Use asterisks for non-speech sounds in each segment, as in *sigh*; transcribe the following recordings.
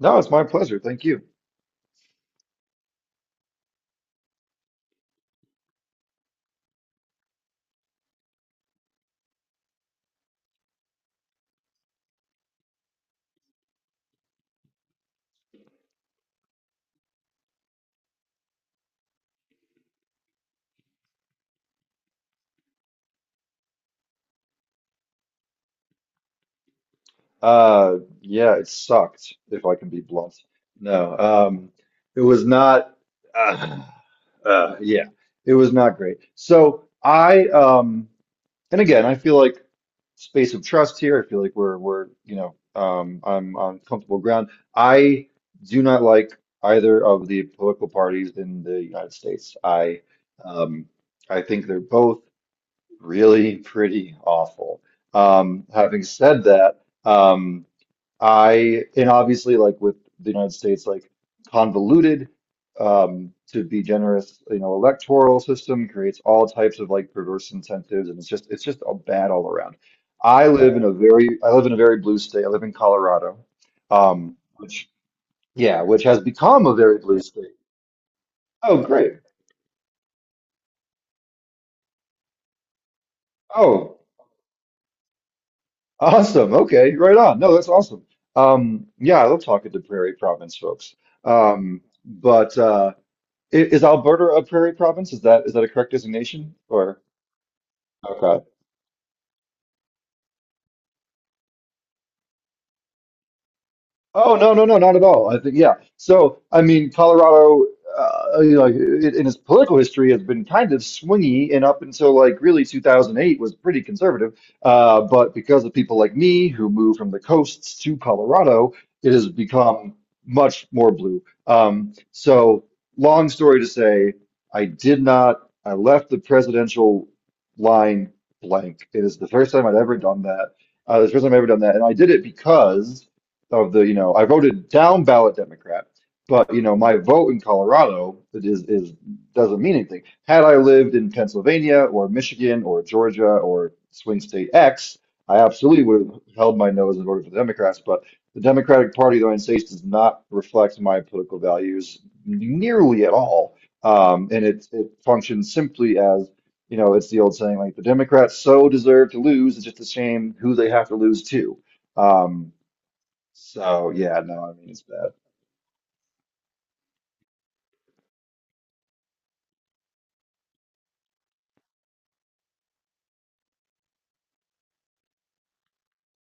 No, it's my pleasure. Thank you. Yeah, it sucked, if I can be blunt. No, um, it was not. Uh, uh, yeah, it was not great. And again, I feel like space of trust here. I feel like we're I'm on comfortable ground. I do not like either of the political parties in the United States. Um, I think they're both really pretty awful. Having said that, I, and obviously, like with the United States, like convoluted, to be generous, you know, electoral system creates all types of like perverse incentives, and it's just a bad all around. I live in a very blue state. I live in Colorado, um, which, yeah, which has become a very blue state. Oh, great. Oh. Awesome. Okay. Right on. No, that's awesome. Yeah, I love talking to Prairie Province folks. But is Alberta a Prairie Province? Is that a correct designation? Or okay. Oh no, not at all. I think yeah. So I mean, Colorado, you know, like it, in its political history, has been kind of swingy, and up until like really 2008 was pretty conservative. But because of people like me who moved from the coasts to Colorado, it has become much more blue. So long story to say, I did not. I left the presidential line blank. It is the first time I've ever done that. The first time I've ever done that, and I did it because of the, you know, I voted down ballot Democrat, but you know, my vote in Colorado is doesn't mean anything. Had I lived in Pennsylvania or Michigan or Georgia or swing state X, I absolutely would have held my nose and voted for the Democrats. But the Democratic Party of the United States does not reflect my political values nearly at all, and it functions simply as you know, it's the old saying, like the Democrats so deserve to lose, it's just a shame who they have to lose to. Um, so yeah, no, I mean it's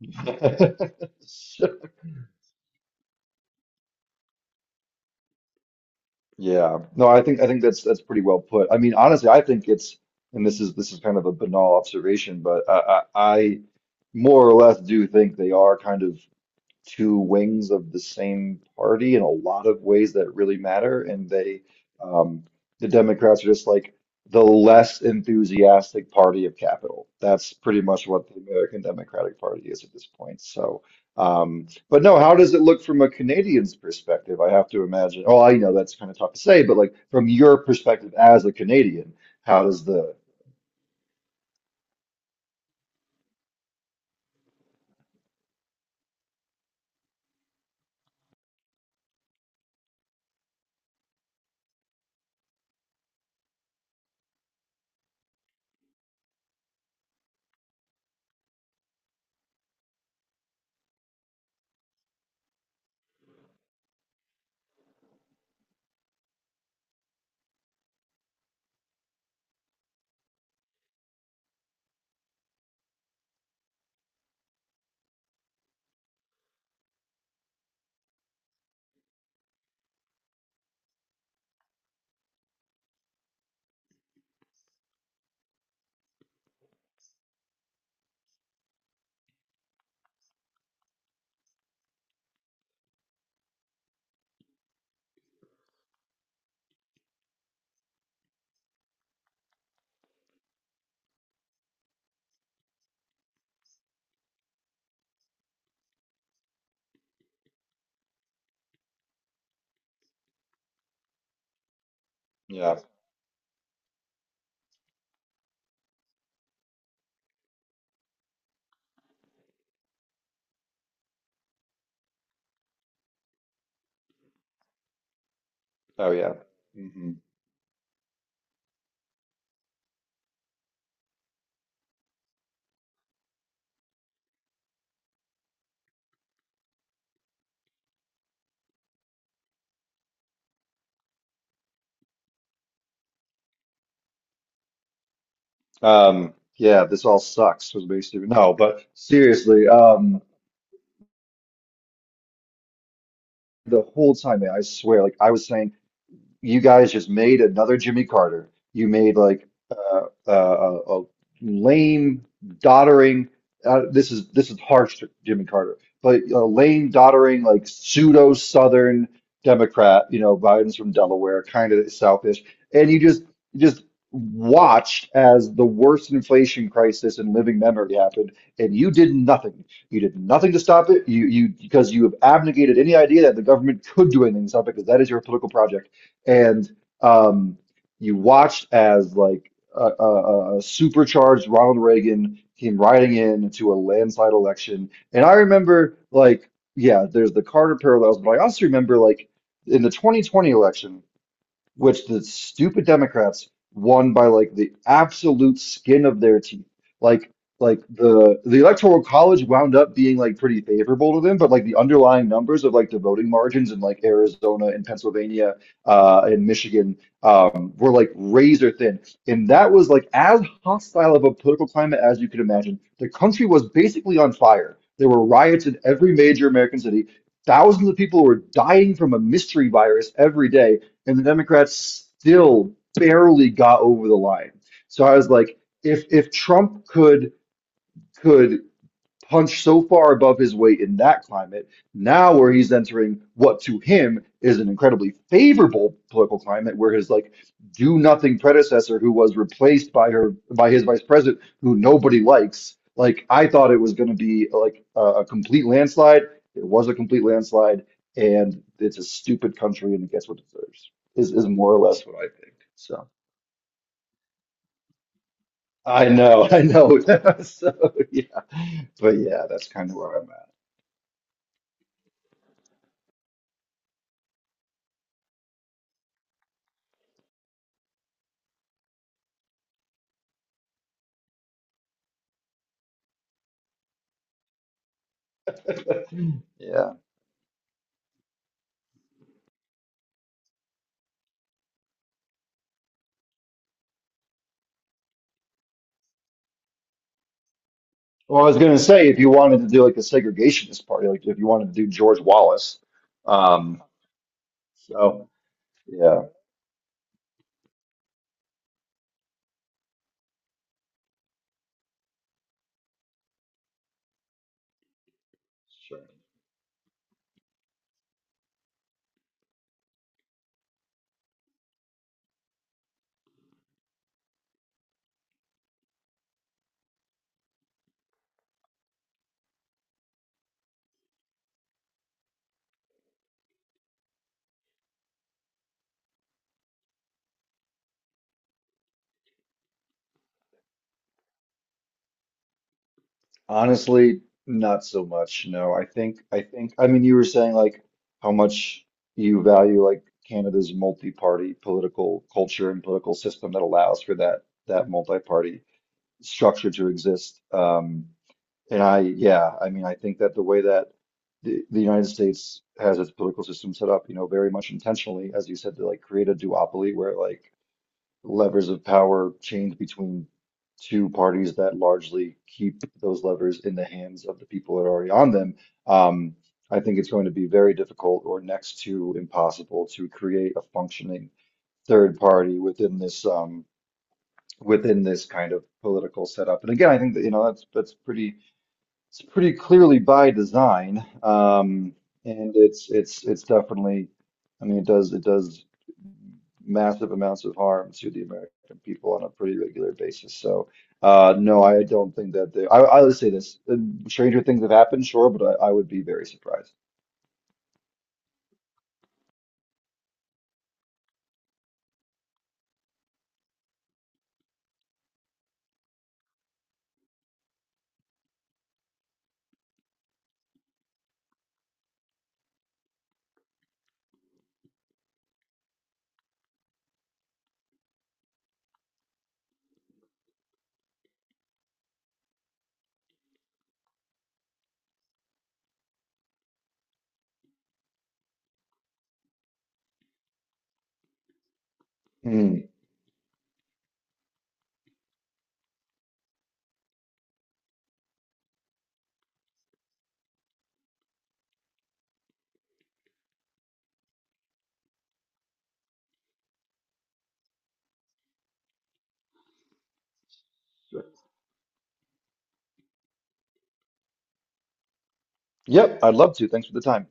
bad. *laughs* Yeah. No, I think that's pretty well put. I mean, honestly, I think it's and this is kind of a banal observation, but I more or less do think they are kind of two wings of the same party in a lot of ways that really matter. And um, the Democrats are just like the less enthusiastic party of capital. That's pretty much what the American Democratic Party is at this point. But no, how does it look from a Canadian's perspective? I have to imagine. Oh, I know that's kind of tough to say, but like from your perspective as a Canadian, how does yeah, oh yeah. Mhm. Yeah, this all sucks was basically no, but seriously, the whole time, man, I swear, like I was saying. You guys just made another Jimmy Carter. You made like a lame, doddering. This is harsh to Jimmy Carter, but a lame, doddering, like pseudo Southern Democrat. You know, Biden's from Delaware, kind of Southish, and you just watched as the worst inflation crisis in living memory happened, and you did nothing. You did nothing to stop it. You because you have abnegated any idea that the government could do anything to stop it, because that is your political project and um, you watched as like a supercharged Ronald Reagan came riding in to a landslide election. And I remember like, yeah, there's the Carter parallels, but I also remember like in the 2020 election which the stupid Democrats won by like the absolute skin of their teeth. Like like the Electoral College wound up being like pretty favorable to them, but like the underlying numbers of like the voting margins in like Arizona and Pennsylvania and Michigan were like razor thin. And that was like as hostile of a political climate as you could imagine. The country was basically on fire. There were riots in every major American city. Thousands of people were dying from a mystery virus every day and the Democrats still barely got over the line. So I was like, if Trump could punched so far above his weight in that climate, now where he's entering what to him is an incredibly favorable political climate, where his like do nothing predecessor, who was replaced by her by his vice president, who nobody likes. Like I thought it was going to be like a complete landslide. It was a complete landslide, and it's a stupid country, and it gets what it deserves. Is more or less what I think. So I know, I know. *laughs* So yeah, but yeah, that's kind of where I'm at. Yeah. Well, I was going to say, if you wanted to do like a segregationist party, like if you wanted to do George Wallace, um, so yeah, sure. Honestly, not so much. No, I think, I mean, you were saying like how much you value like Canada's multi-party political culture and political system that allows for that multi-party structure to exist. And I, yeah, I mean, I think that the way that the United States has its political system set up, you know, very much intentionally, as you said, to like create a duopoly where like levers of power change between two parties that largely keep those levers in the hands of the people that are already on them. Um, I think it's going to be very difficult or next to impossible to create a functioning third party within this within this kind of political setup. And again, I think that, you know, that's pretty it's pretty clearly by design, and it's definitely, I mean, it does massive amounts of harm to the American people on a pretty regular basis. So, no, I don't think that they. I would say this: stranger things have happened, sure, but I would be very surprised. Hmm. Sure. Yep, I'd love to. Thanks for the time.